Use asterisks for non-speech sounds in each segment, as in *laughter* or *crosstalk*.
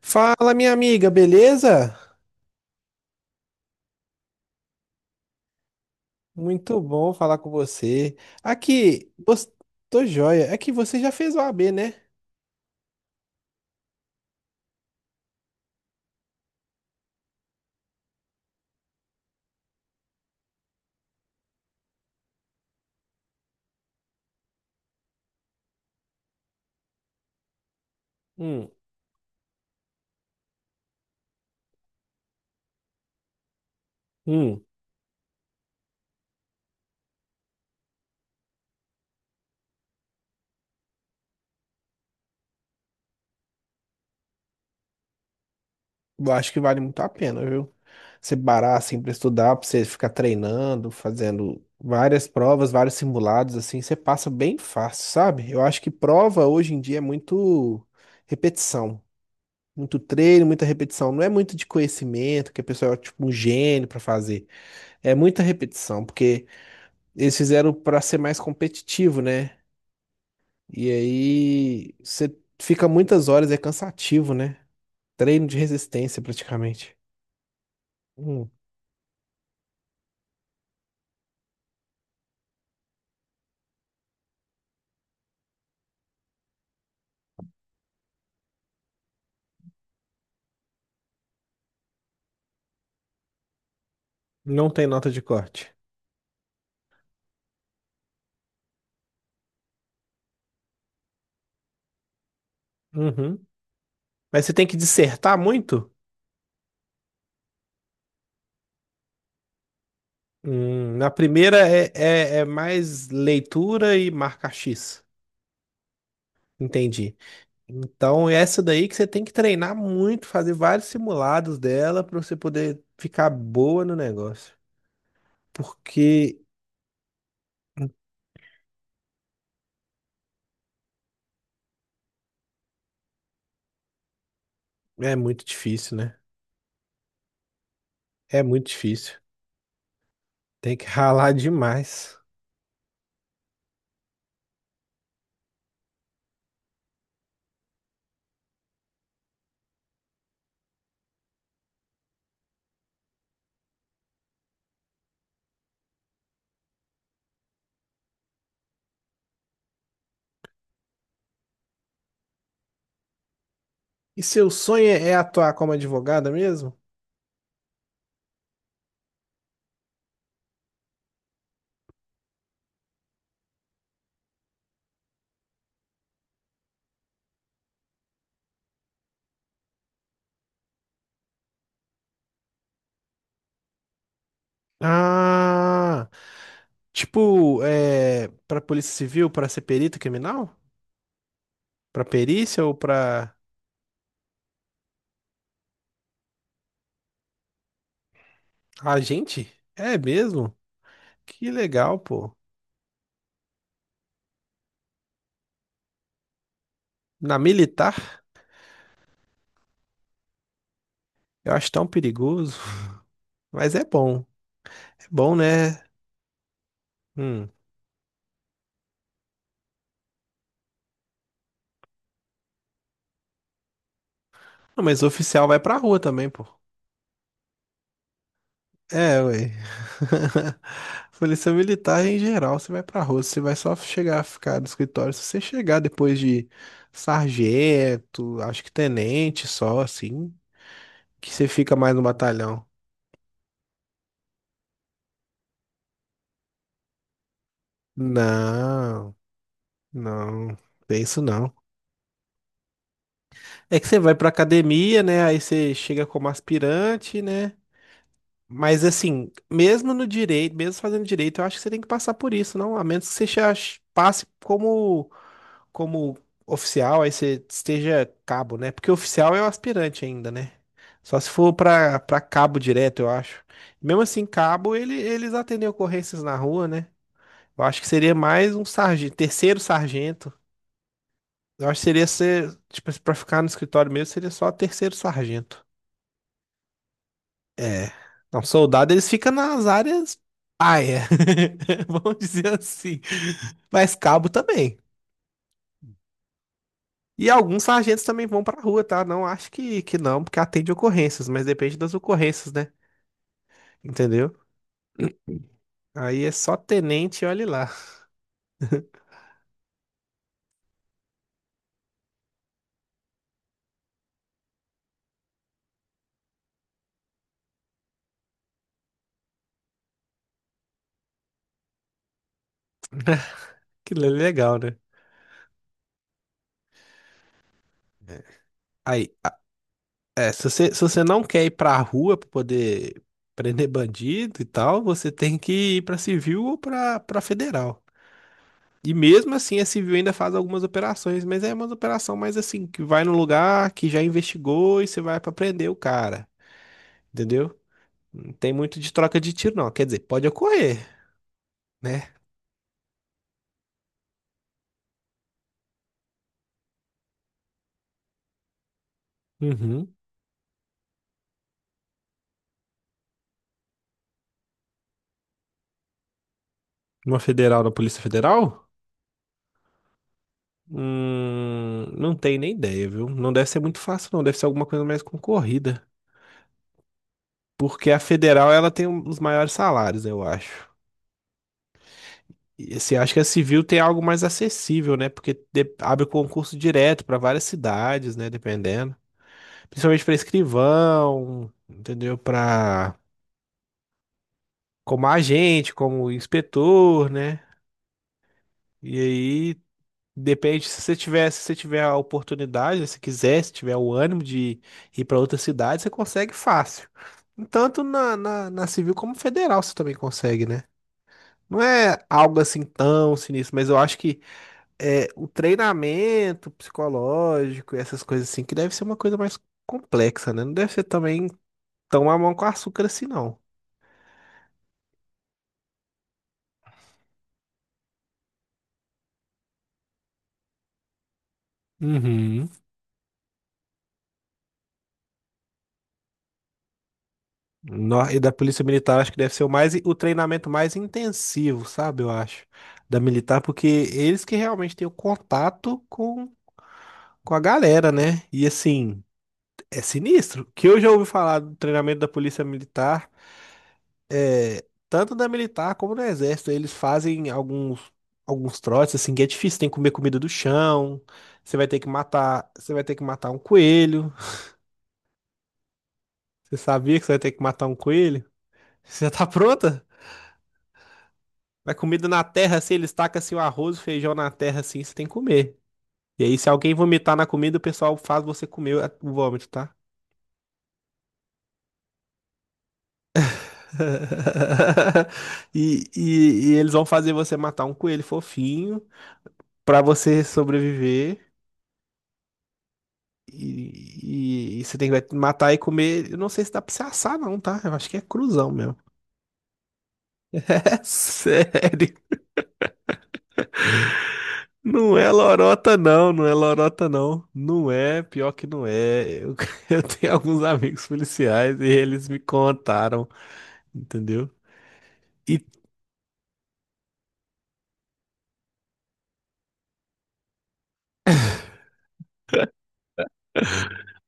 Fala, minha amiga, beleza? Muito bom falar com você. Aqui, você... tô joia. É que você já fez o AB, né? Hum, hum. Eu acho que vale muito a pena, viu? Você parar assim pra estudar, pra você ficar treinando, fazendo várias provas, vários simulados, assim, você passa bem fácil, sabe? Eu acho que prova hoje em dia é muito repetição. Muito treino, muita repetição. Não é muito de conhecimento, que a pessoa é tipo um gênio pra fazer. É muita repetição, porque eles fizeram para ser mais competitivo, né? E aí você fica muitas horas, é cansativo, né? Treino de resistência praticamente. Hum, não tem nota de corte. Uhum. Mas você tem que dissertar muito? Na primeira é mais leitura e marca X. Entendi. Então, é essa daí que você tem que treinar muito, fazer vários simulados dela para você poder ficar boa no negócio. Porque é muito difícil, né? É muito difícil. Tem que ralar demais. E seu sonho é atuar como advogada mesmo? Ah, tipo, é, para Polícia Civil, para ser perito criminal? Para perícia ou para agente? É mesmo? Que legal, pô. Na militar, eu acho tão perigoso, mas é bom. É bom, né? Hum. Não, mas o oficial vai pra rua também, pô. É, ué. *laughs* Polícia militar em geral, você vai pra rua, você vai só chegar a ficar no escritório. Se você chegar depois de sargento, acho que tenente só, assim, que você fica mais no batalhão. Não, não, tem isso não. É que você vai pra academia, né? Aí você chega como aspirante, né? Mas assim, mesmo no direito, mesmo fazendo direito, eu acho que você tem que passar por isso, não? A menos que você já passe como oficial, aí você esteja cabo, né? Porque oficial é o aspirante ainda, né? Só se for pra cabo direto, eu acho. Mesmo assim, cabo, eles atendem ocorrências na rua, né? Eu acho que seria mais um sargento, terceiro sargento. Eu acho que seria ser, tipo, pra ficar no escritório mesmo, seria só terceiro sargento. É. Não, soldado, eles ficam nas áreas paia, *laughs* vamos dizer assim. Mas cabo também. E alguns sargentos também vão pra rua, tá? Não acho que não, porque atende ocorrências, mas depende das ocorrências, né? Entendeu? Aí é só tenente, olhe lá. *laughs* Que legal, né? Aí, é, se você não quer ir pra rua pra poder prender bandido e tal, você tem que ir pra civil ou pra federal. E mesmo assim, a civil ainda faz algumas operações, mas é uma operação mais assim, que vai no lugar que já investigou e você vai pra prender o cara, entendeu? Não tem muito de troca de tiro, não. Quer dizer, pode ocorrer, né? Uhum. Uma federal na Polícia Federal? Não tenho nem ideia, viu? Não deve ser muito fácil, não. Deve ser alguma coisa mais concorrida. Porque a federal, ela tem os maiores salários, eu acho. E você acha que a civil tem algo mais acessível, né? Porque abre concurso direto para várias cidades, né? Dependendo. Principalmente para escrivão, entendeu? Para como agente, como inspetor, né? E aí depende, se você tiver a oportunidade, se quiser, se tiver o ânimo de ir para outra cidade, você consegue fácil. Tanto na civil como federal você também consegue, né? Não é algo assim tão sinistro, mas eu acho que é o treinamento psicológico, e essas coisas assim, que deve ser uma coisa mais complexa, né? Não deve ser também tão a mão com açúcar assim, não. Uhum. E da Polícia Militar, acho que deve ser o treinamento mais intensivo, sabe? Eu acho, da militar, porque eles que realmente têm o contato com a galera, né? E assim, é sinistro. O que eu já ouvi falar do treinamento da Polícia Militar, é, tanto da militar como do Exército, eles fazem alguns, alguns trotes, assim, que é difícil, tem que comer comida do chão, você vai ter que matar, você vai ter que matar um coelho. Você sabia que você vai ter que matar um coelho? Você já tá pronta? Mas comida na terra, assim, eles tacam assim, o arroz o feijão na terra, assim, você tem que comer. E aí, se alguém vomitar na comida, o pessoal faz você comer o vômito, tá? *laughs* E eles vão fazer você matar um coelho fofinho pra você sobreviver. E você tem que matar e comer. Eu não sei se dá pra você assar, não, tá? Eu acho que é cruzão mesmo. *laughs* É sério. Não é lorota, não, não é lorota, não. Não é, pior que não é. Eu, *laughs* eu tenho alguns amigos policiais e eles me contaram, entendeu? E,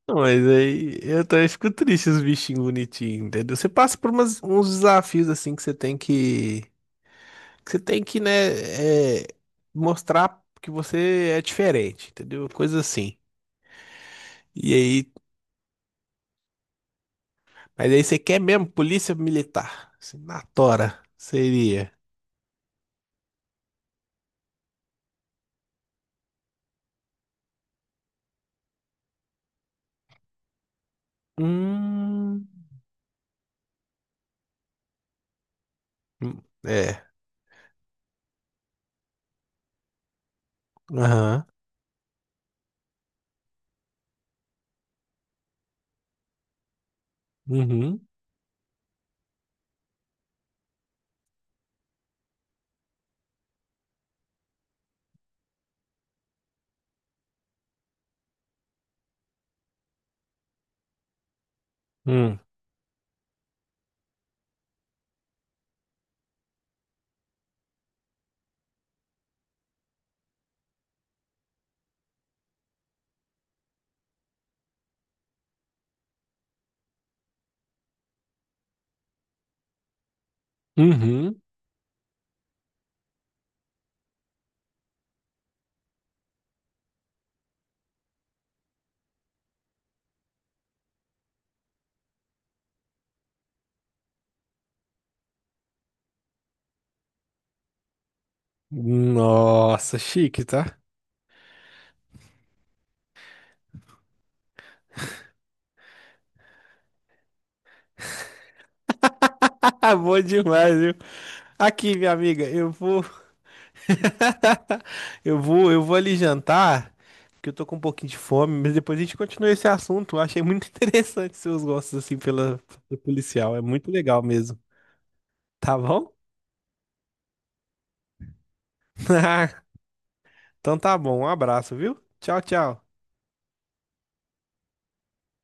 não, mas aí eu também fico triste os bichinhos bonitinhos, entendeu? Você passa por uns desafios assim que você tem que, que você tem que, né, é, mostrar que você é diferente, entendeu? Coisa assim. E aí, mas aí você quer mesmo polícia militar, assim, na tora, seria. Hum. Hum, é. Aham. Uhum. Hum. Uhum. Nossa, chique, tá? *laughs* Bom demais, viu? Aqui, minha amiga, eu vou. *laughs* Eu vou ali jantar, porque eu tô com um pouquinho de fome, mas depois a gente continua esse assunto. Eu achei muito *laughs* interessante seus gostos, assim, pela, pela policial. É muito legal mesmo. Tá bom? *laughs* Então tá bom. Um abraço, viu? Tchau, tchau.